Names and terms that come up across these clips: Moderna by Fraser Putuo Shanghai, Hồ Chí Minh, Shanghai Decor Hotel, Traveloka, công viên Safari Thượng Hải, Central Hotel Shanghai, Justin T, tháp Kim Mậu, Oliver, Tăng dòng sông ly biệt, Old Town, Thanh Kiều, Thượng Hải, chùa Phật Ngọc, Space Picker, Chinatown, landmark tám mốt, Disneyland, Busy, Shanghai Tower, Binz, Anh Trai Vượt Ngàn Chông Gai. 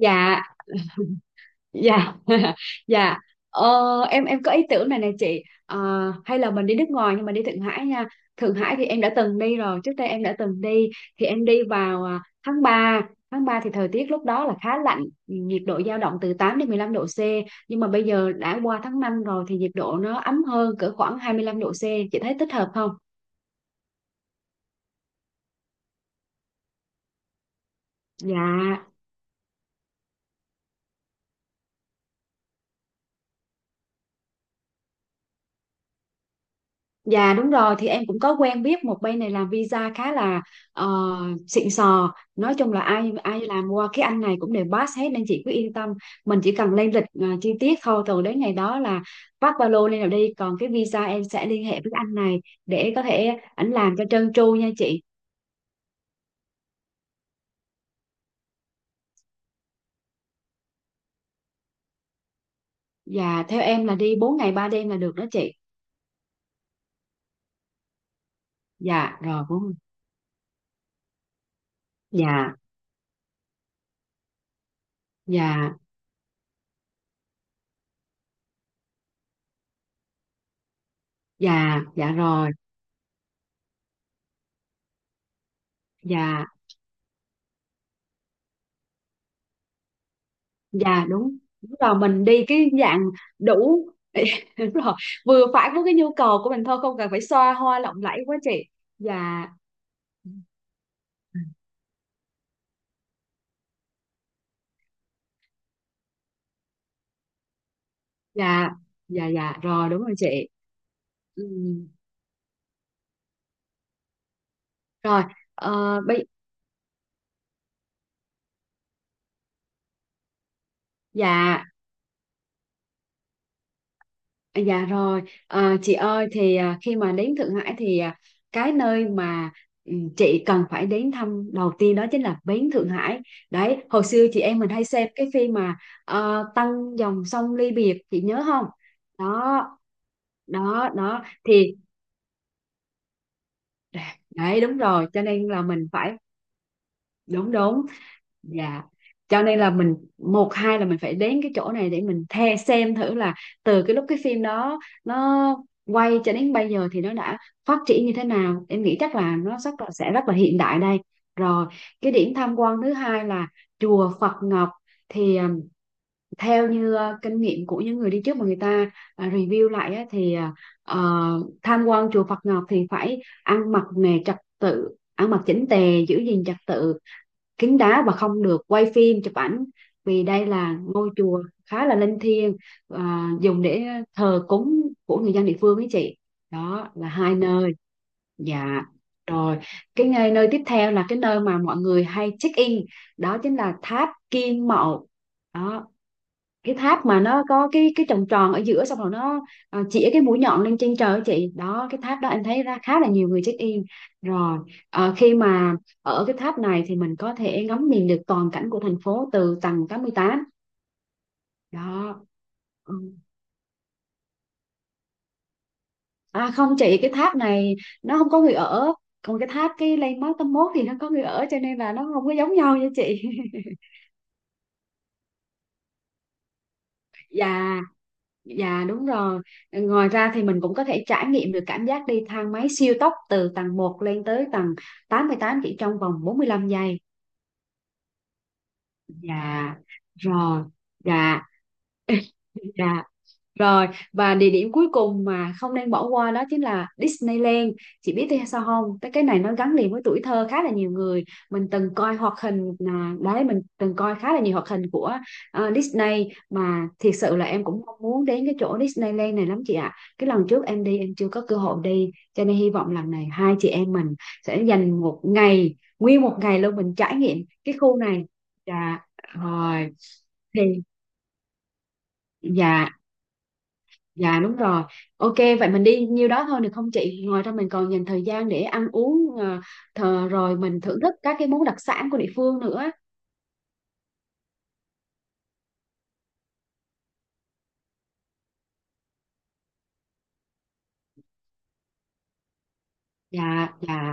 Dạ, dạ, dạ, ờ, em có ý tưởng này nè chị. Ờ, hay là mình đi nước ngoài nhưng mà đi Thượng Hải nha. Thượng Hải thì em đã từng đi rồi, trước đây em đã từng đi, thì em đi vào tháng 3. Tháng 3 thì thời tiết lúc đó là khá lạnh, nhiệt độ dao động từ 8 đến 15 độ C. Nhưng mà bây giờ đã qua tháng 5 rồi thì nhiệt độ nó ấm hơn cỡ khoảng 25 độ C. Chị thấy thích hợp không? Dạ. Dạ đúng rồi, thì em cũng có quen biết một bên này làm visa khá là ờ, xịn sò, nói chung là ai ai làm qua cái anh này cũng đều pass hết nên chị cứ yên tâm. Mình chỉ cần lên lịch chi tiết thôi, rồi đến ngày đó là vác ba lô lên rồi đi. Còn cái visa em sẽ liên hệ với cái anh này để có thể ảnh làm cho trơn tru nha chị. Dạ, theo em là đi 4 ngày 3 đêm là được đó chị. Dạ rồi. 4. Dạ, dạ, dạ, dạ rồi. Dạ, dạ. Đúng, đúng rồi, mình đi cái dạng đủ. Đúng rồi, vừa phải với cái nhu cầu của mình thôi, không cần phải xoa hoa lộng lẫy quá chị. Dạ. Dạ, dạ, dạ rồi, đúng rồi chị. Ừ. Rồi. Ờ, bây Dạ. À, dạ rồi, chị ơi thì khi mà đến Thượng Hải thì, cái nơi mà, chị cần phải đến thăm đầu tiên đó chính là bến Thượng Hải. Đấy, hồi xưa chị em mình hay xem cái phim mà Tăng dòng sông ly biệt, chị nhớ không? Đó, đó, đó thì, đấy đúng rồi, cho nên là mình phải. Đúng, đúng. Dạ. Cho nên là mình một hai là mình phải đến cái chỗ này để mình xem thử là từ cái lúc cái phim đó nó quay cho đến bây giờ thì nó đã phát triển như thế nào. Em nghĩ chắc là nó rất là sẽ rất là hiện đại đây. Rồi, cái điểm tham quan thứ hai là chùa Phật Ngọc, thì theo như kinh nghiệm của những người đi trước mà người ta review lại á, thì tham quan chùa Phật Ngọc thì phải ăn mặc nè trật tự, ăn mặc chỉnh tề, giữ gìn trật tự, kín đáo và không được quay phim chụp ảnh, vì đây là ngôi chùa khá là linh thiêng dùng để thờ cúng của người dân địa phương ấy chị. Đó là hai nơi. Dạ rồi, nơi tiếp theo là cái nơi mà mọi người hay check in đó chính là tháp Kim Mậu. Đó, cái tháp mà nó có cái tròn tròn ở giữa, xong rồi nó chĩa cái mũi nhọn lên trên trời á chị. Đó cái tháp đó em thấy ra khá là nhiều người check in. Rồi, khi mà ở cái tháp này thì mình có thể ngắm nhìn được toàn cảnh của thành phố từ tầng 88. Đó. Ừ. À không chị, cái tháp này nó không có người ở, còn cái tháp, cái landmark 81 thì nó có người ở, cho nên là nó không có giống nhau nha chị. Dạ. Dạ đúng rồi. Ngoài ra thì mình cũng có thể trải nghiệm được cảm giác đi thang máy siêu tốc từ tầng một lên tới tầng 88 chỉ trong vòng 45 giây. Dạ. Rồi. Dạ. Dạ. Rồi, và địa điểm cuối cùng mà không nên bỏ qua đó chính là Disneyland. Chị biết tại sao không? Tại cái này nó gắn liền với tuổi thơ khá là nhiều người. Mình từng coi hoạt hình, đấy mình từng coi khá là nhiều hoạt hình của Disney, mà thiệt sự là em cũng mong muốn đến cái chỗ Disneyland này lắm chị ạ. Cái lần trước em đi em chưa có cơ hội đi, cho nên hy vọng lần này hai chị em mình sẽ dành một ngày, nguyên một ngày luôn mình trải nghiệm cái khu này. Dạ, rồi. Thì dạ. Dạ đúng rồi. Ok, vậy mình đi nhiêu đó thôi được không chị? Ngoài ra mình còn dành thời gian để ăn uống, rồi mình thưởng thức các cái món đặc sản của địa phương nữa. Dạ, dạ,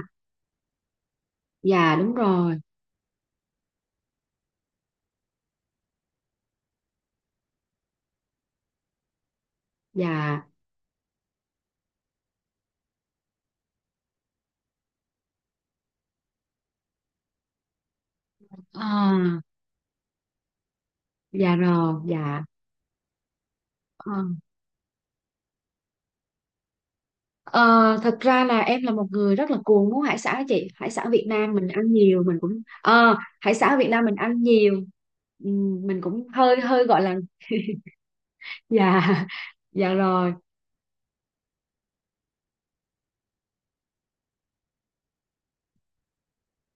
dạ đúng rồi. Dạ. À, dạ rồi, dạ. Ờ, Ờ, Thật ra là em là một người rất là cuồng món hải sản á chị. Hải sản Việt Nam mình ăn nhiều, mình cũng. Hải sản Việt Nam mình ăn nhiều. Ừ, mình cũng hơi hơi gọi là. Dạ. Dạ rồi.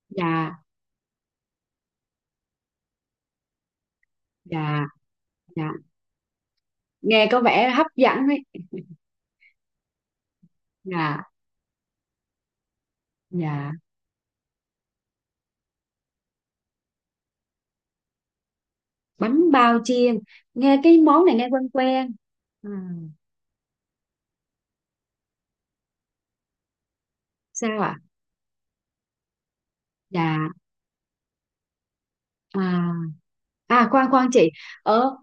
Dạ, dạ, dạ, nghe có vẻ hấp dẫn ấy. Dạ, dạ. Bánh bao chiên, nghe cái món này nghe quen quen. à, Sao ạ? Dạ. À, à, khoan khoan chị, ở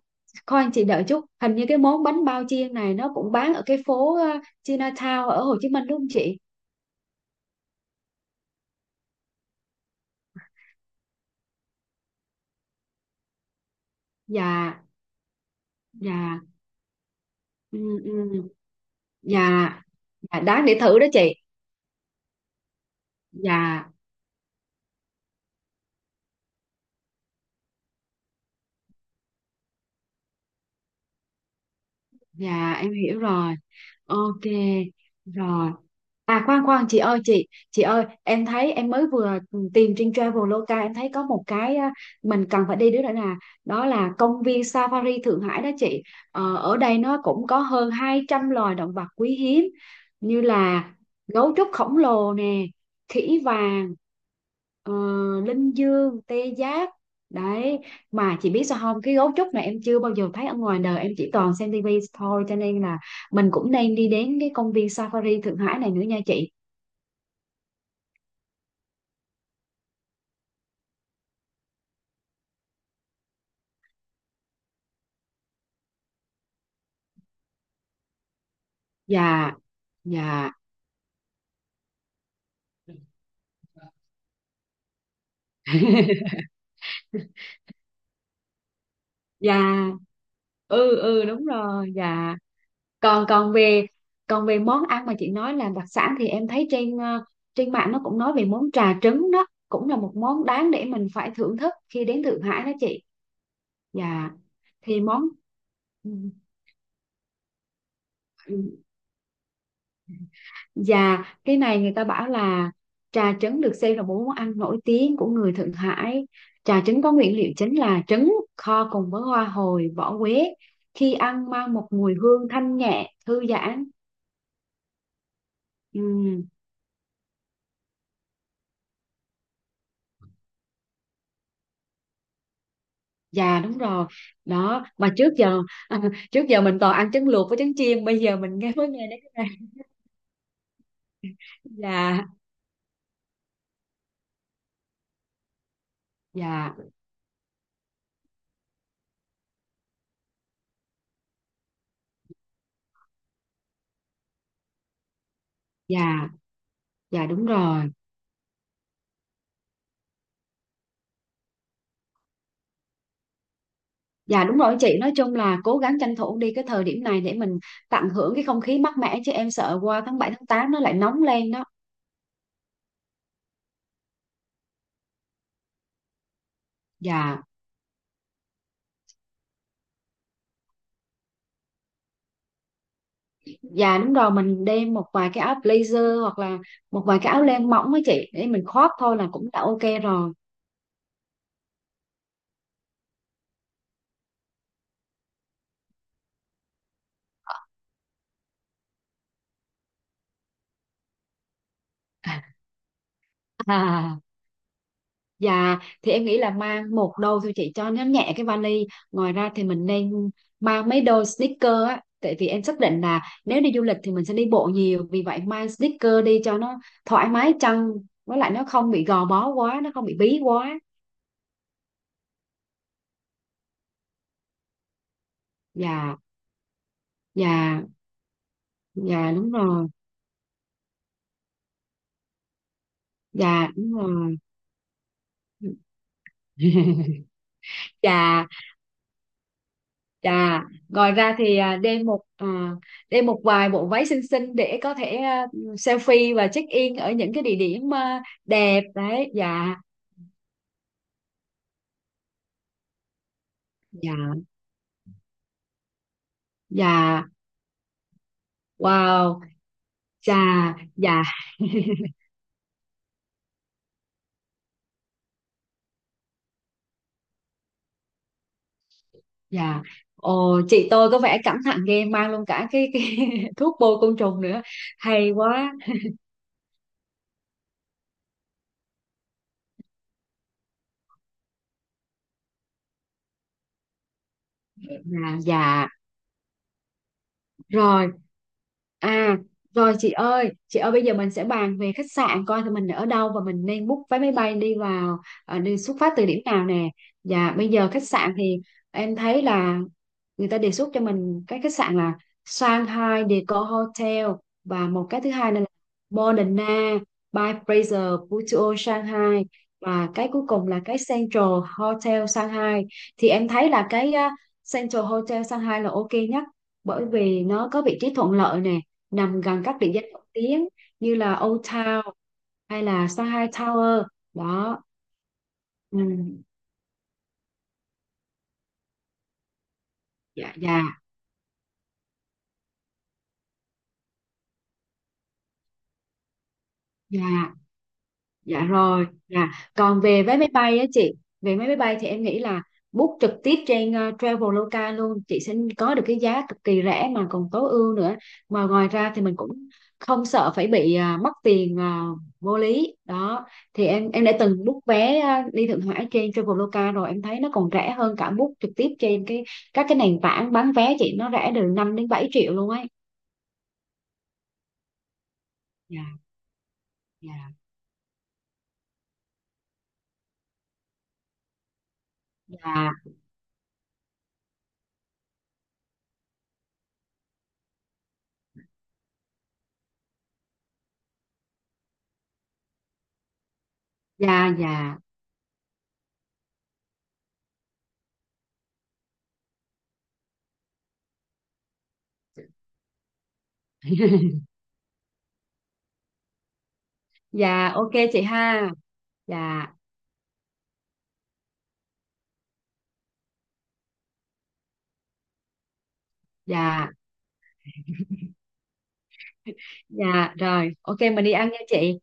khoan chị đợi chút, hình như cái món bánh bao chiên này nó cũng bán ở cái phố Chinatown ở Hồ Chí Minh đúng không chị? Dạ, dạ. Ừ, ừ. Dạ, dạ, đáng để thử đó chị. Dạ, dạ, em hiểu rồi. Ok rồi. À, khoan khoan chị ơi, chị ơi em thấy em mới vừa tìm trên Traveloka, em thấy có một cái, mình cần phải đi đứa nữa, đó là công viên Safari Thượng Hải đó chị. Ở đây nó cũng có hơn 200 loài động vật quý hiếm, như là gấu trúc khổng lồ nè, khỉ vàng, ờ, linh dương, tê giác đấy. Mà chị biết sao không, cái gấu trúc này em chưa bao giờ thấy ở ngoài đời, em chỉ toàn xem tivi thôi, cho nên là mình cũng đang đi đến cái công viên Safari Thượng Hải này nữa nha chị. Dạ, dạ. Dạ. Ừ, ừ đúng rồi. Dạ, còn còn về món ăn mà chị nói là đặc sản, thì em thấy trên trên mạng nó cũng nói về món trà trứng, đó cũng là một món đáng để mình phải thưởng thức khi đến Thượng Hải đó chị. Dạ. Thì món. Ừ, ừ. Dạ, cái này người ta bảo là trà trứng được xem là một món ăn nổi tiếng của người Thượng Hải. Trà trứng có nguyên liệu chính là trứng kho cùng với hoa hồi, vỏ quế. Khi ăn mang một mùi hương thanh nhẹ, thư giãn. Ừ, dạ đúng rồi. Đó, mà trước giờ trước giờ mình toàn ăn trứng luộc với trứng chiên, bây giờ mình mới nghe đến cái này. Dạ, dạ, dạ, dạ đúng rồi. Dạ đúng rồi chị, nói chung là cố gắng tranh thủ đi cái thời điểm này để mình tận hưởng cái không khí mát mẻ chứ em sợ qua tháng 7 tháng 8 nó lại nóng lên đó. Dạ. Dạ đúng rồi, mình đem một vài cái áo blazer hoặc là một vài cái áo len mỏng với chị để mình khoác thôi là cũng đã ok rồi. À. Dạ, thì em nghĩ là mang một đôi thôi chị cho nó nhẹ cái vali. Ngoài ra thì mình nên mang mấy đôi sneaker á. Tại vì em xác định là nếu đi du lịch thì mình sẽ đi bộ nhiều. Vì vậy mang sneaker đi cho nó thoải mái chân. Với lại nó không bị gò bó quá, nó không bị bí quá. Dạ, dạ, dạ đúng rồi. Dạ, đúng rồi. Dạ. Dạ, ngoài ra thì đem một vài bộ váy xinh xinh để có thể selfie và check in ở những cái địa điểm đẹp đấy. Dạ, dạ, dạ, wow, dạ, dạ, dạ. Ồ, chị tôi có vẻ cẩn thận ghê, mang luôn cả cái thuốc bôi côn trùng nữa. Hay quá. Dạ, dạ. Rồi. à Rồi chị ơi, chị ơi bây giờ mình sẽ bàn về khách sạn coi thì mình ở đâu và mình nên book vé máy bay đi vào, đi xuất phát từ điểm nào nè. Và bây giờ khách sạn thì em thấy là người ta đề xuất cho mình cái khách sạn là Shanghai Decor Hotel, và một cái thứ hai nữa là Moderna by Fraser Putuo Shanghai, và cái cuối cùng là cái Central Hotel Shanghai. Thì em thấy là cái, Central Hotel Shanghai là ok nhất, bởi vì nó có vị trí thuận lợi nè, nằm gần các địa danh nổi tiếng như là Old Town hay là Shanghai Tower đó. Ừ. Dạ, dạ, dạ. Dạ rồi, dạ. Còn về vé máy bay á chị, về vé máy bay thì em nghĩ là book trực tiếp trên Traveloka luôn, chị sẽ có được cái giá cực kỳ rẻ mà còn tối ưu nữa. Mà ngoài ra thì mình cũng không sợ phải bị mất tiền vô lý. Đó, thì em đã từng book vé đi Thượng Hải trên Traveloka rồi, em thấy nó còn rẻ hơn cả book trực tiếp trên các cái nền tảng bán vé chị, nó rẻ từ 5 đến 7 triệu luôn ấy. Dạ, dạ, dạ, dạ, dạ. Dạ, ok chị ha. Dạ. Dạ, dạ rồi, ok mình đi ăn nha chị